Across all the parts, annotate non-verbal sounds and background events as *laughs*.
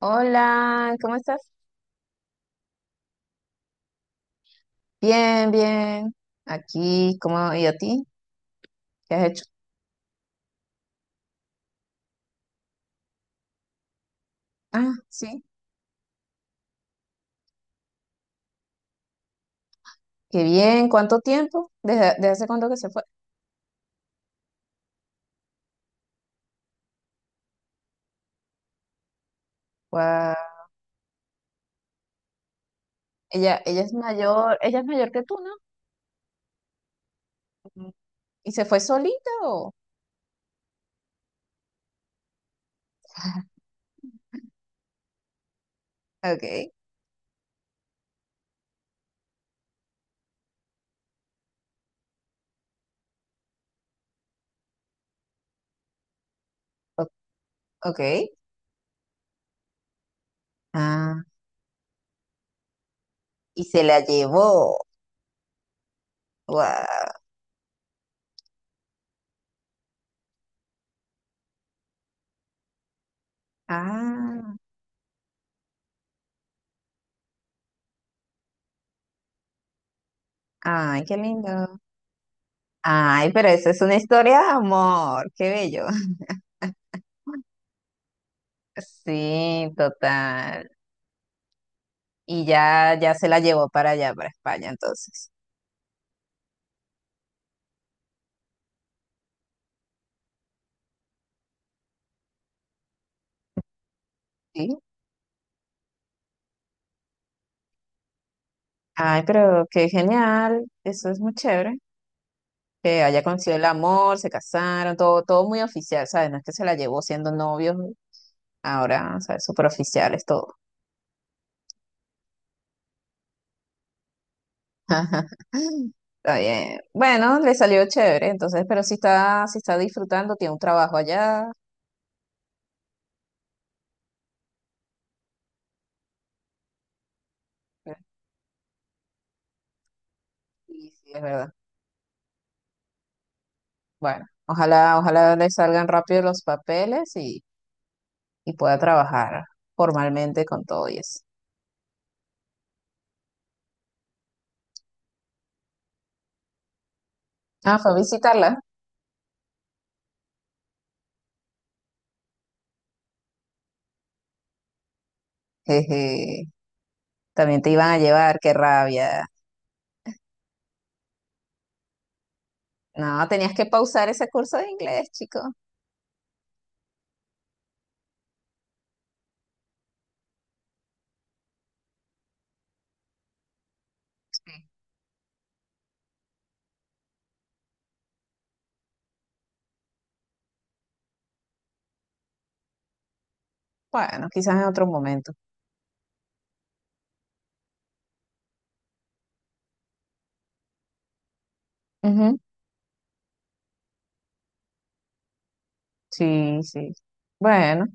Hola, ¿cómo estás? Bien, bien. Aquí, ¿cómo? ¿Y a ti? ¿Qué has hecho? Ah, sí. Qué bien. ¿Cuánto tiempo? ¿Desde hace cuánto que se fue? Guau. Ella es mayor, ella es mayor que tú, ¿no? Ujú. ¿Y se fue solita o? Okay. o- Ok. Ah, y se la llevó. Guau. Ah, ay, qué lindo. Ay, pero eso es una historia de amor. Qué bello. *laughs* Sí, total. Y ya se la llevó para allá, para España, entonces. Sí. Ay, pero qué genial, eso es muy chévere. Que haya conseguido el amor, se casaron, todo, todo muy oficial, ¿sabes? No es que se la llevó siendo novios, ahora, ¿sabes? Súper oficiales, todo. *laughs* Está bien. Bueno, le salió chévere, entonces, pero si está disfrutando, tiene un trabajo allá. eh, Sí, sí, es verdad. Bueno, ojalá, ojalá le salgan rápido los papeles y pueda trabajar formalmente con todo y eso. Ah, fue a visitarla. Jeje, también te iban a llevar, qué rabia. No, tenías que pausar ese curso de inglés, chico. Bueno, quizás en otro momento. Ujú, sí, sí. Bueno,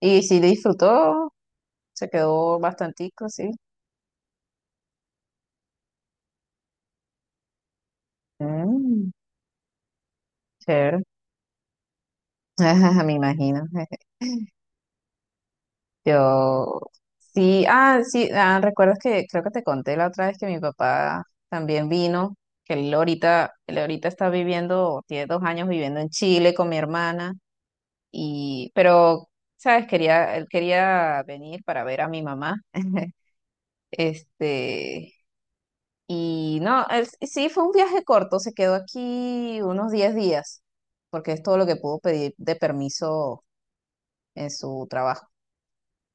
y sí disfrutó, se quedó bastantico, sí. Mm, chévere. *laughs* Ajá, me imagino. *laughs* Yo, sí, ah, sí, ah, recuerdas que creo que te conté la otra vez que mi papá también vino, que él ahorita está viviendo, tiene 2 años viviendo en Chile con mi hermana. Y, pero, ¿sabes? Quería, él quería venir para ver a mi mamá. Este, y no, él sí sí, fue un viaje corto, se quedó aquí unos 10 días, porque es todo lo que pudo pedir de permiso en su trabajo.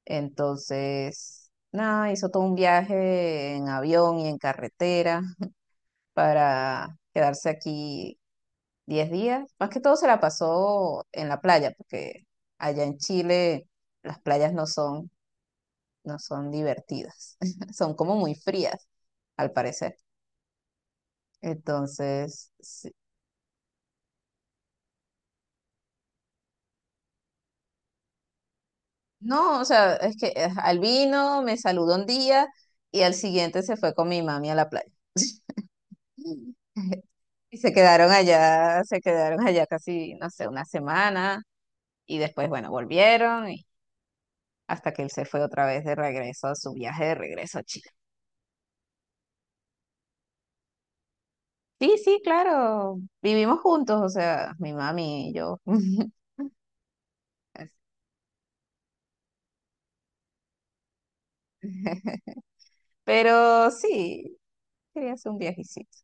Entonces, nada, hizo todo un viaje en avión y en carretera para quedarse aquí 10 días. Más que todo se la pasó en la playa, porque allá en Chile las playas no son divertidas, *laughs* son como muy frías, al parecer. Entonces, sí. No, o sea, es que al vino, me saludó un día y al siguiente se fue con mi mami a la playa. *gasps* Mm. Y se quedaron allá casi, no sé, una semana y después, bueno, volvieron y hasta que él se fue otra vez de regreso a su viaje de regreso a Chile. Sí, sí, claro, vivimos juntos, o sea, mi mami y yo. *laughs* Pero sí, quería hacer un viajecito.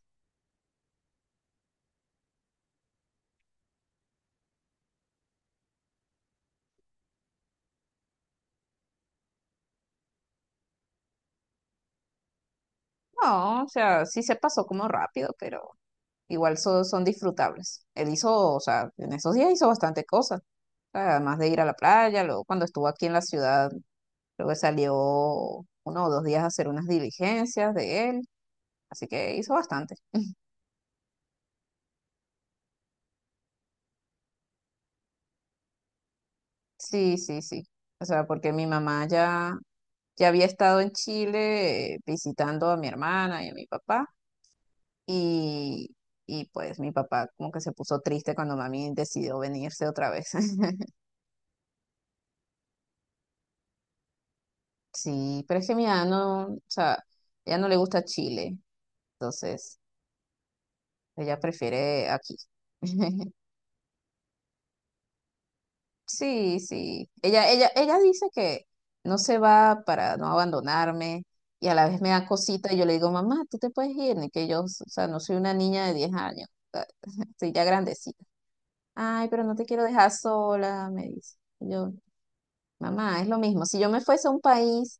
No, o sea, sí se pasó como rápido, pero igual son disfrutables. Él hizo, o sea, en esos días hizo bastante cosas. O sea, además de ir a la playa, luego cuando estuvo aquí en la ciudad, creo que salió 1 o 2 días a hacer unas diligencias de él. Así que hizo bastante. *laughs* Sí, sí, sí. O sea, porque mi mamá ya había estado en Chile visitando a mi hermana y a mi papá. Y, y pues mi papá como que se puso triste cuando mami decidió venirse otra vez. *laughs* Sí, pero es que mi mamá no, o sea, ella no le gusta Chile, entonces ella prefiere aquí. *laughs* Sí, sí. Ella dice que no se va para no abandonarme y a la vez me da cosita y yo le digo, mamá, tú te puedes ir, ni que yo, o sea, no soy una niña de 10 años, o sea, *laughs* estoy ya grandecita. Ay, pero no te quiero dejar sola, me dice. Y yo, mamá, es lo mismo. Si yo me fuese a un país,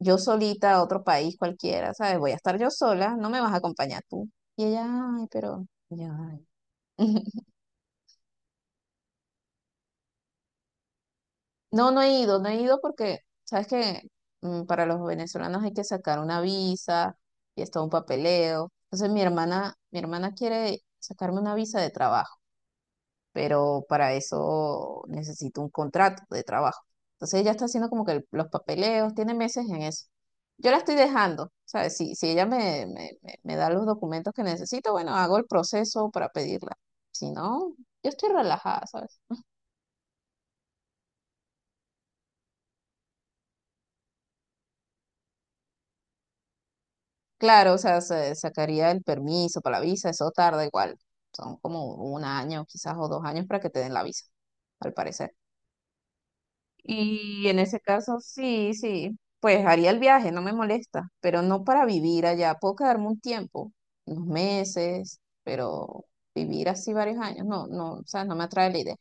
yo solita a otro país cualquiera, ¿sabes? Voy a estar yo sola, no me vas a acompañar tú. Y ella, ay, pero... y yo, "Ay". *laughs* No, no he ido porque, ¿sabes que para los venezolanos hay que sacar una visa y es todo un papeleo? Entonces mi hermana quiere sacarme una visa de trabajo. Pero para eso necesito un contrato de trabajo. Entonces ella está haciendo como que los papeleos, tiene meses en eso. Yo la estoy dejando, ¿sabes? Si ella me da los documentos que necesito, bueno, hago el proceso para pedirla. Si no, yo estoy relajada, ¿sabes? Claro, o sea, sacaría el permiso para la visa, eso tarda igual. Son como un año, quizás, o 2 años para que te den la visa, al parecer. Y en ese caso, sí, sí, pues haría el viaje, no me molesta, pero no para vivir allá. Puedo quedarme un tiempo, unos meses, pero vivir así varios años, no, no, o sea, no me atrae la idea.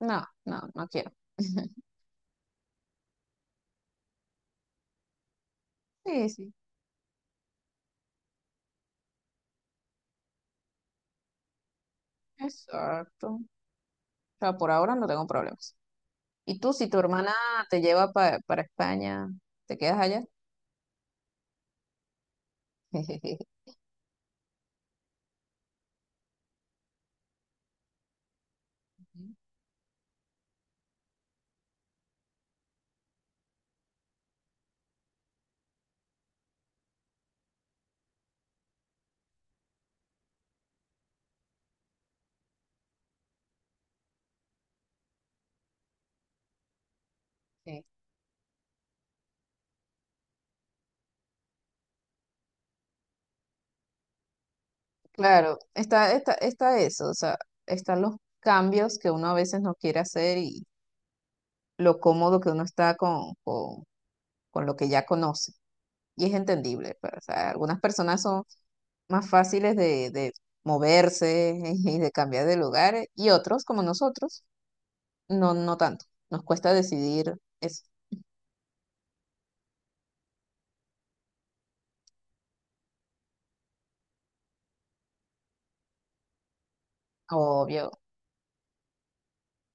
No, no, no quiero. *laughs* Sí, sí, exacto. O sea, por ahora no tengo problemas. ¿Y tú, si tu hermana te lleva para España, te quedas allá? *laughs* Sí. Claro, está eso, o sea, están los cambios que uno a veces no quiere hacer, lo cómodo que uno está con lo que ya conoce. Y es entendible, pues, o sea, algunas personas son más fáciles de moverse *laughs* y de cambiar de lugar y otros, como nosotros, no, no tanto. Nos cuesta decidir, es obvio,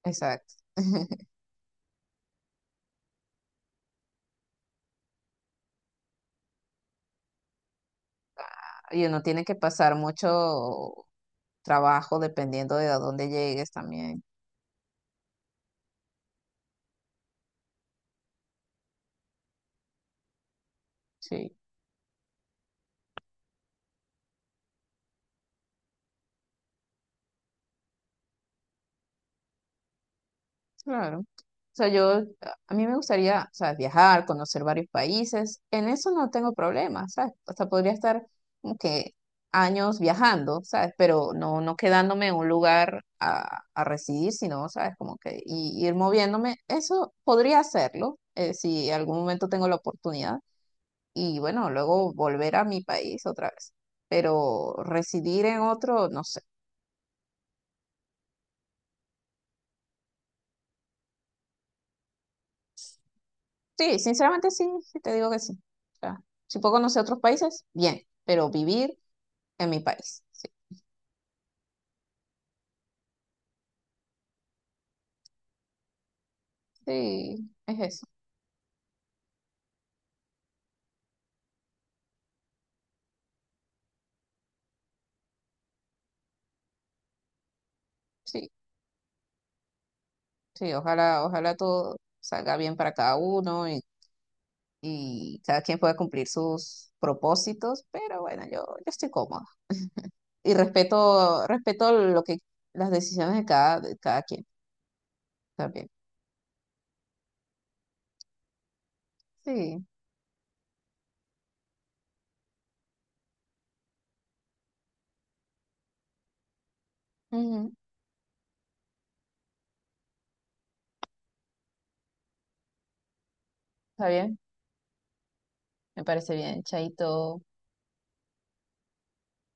exacto. *laughs* Y uno tiene que pasar mucho trabajo dependiendo de a dónde llegues también. Sí. Claro. O sea, a mí me gustaría, o sea, viajar, conocer varios países. En eso no tengo problema, ¿sabes? Hasta podría estar como que años viajando, ¿sabes? Pero no, no quedándome en un lugar a residir, sino, ¿sabes? Como que ir moviéndome. Eso podría hacerlo, si en algún momento tengo la oportunidad. Y bueno, luego volver a mi país otra vez. Pero residir en otro, no sé. Sí, sinceramente sí, sí, te digo que sí. O sea, si puedo conocer otros países, bien, pero vivir en mi país. Sí, sí, es eso. Sí, sí, ojalá, ojalá todo salga bien para cada uno y cada quien pueda cumplir sus propósitos, pero bueno, yo estoy cómoda. Y respeto las decisiones de cada quien también. Sí, ujú, está bien, me parece bien, Chaito.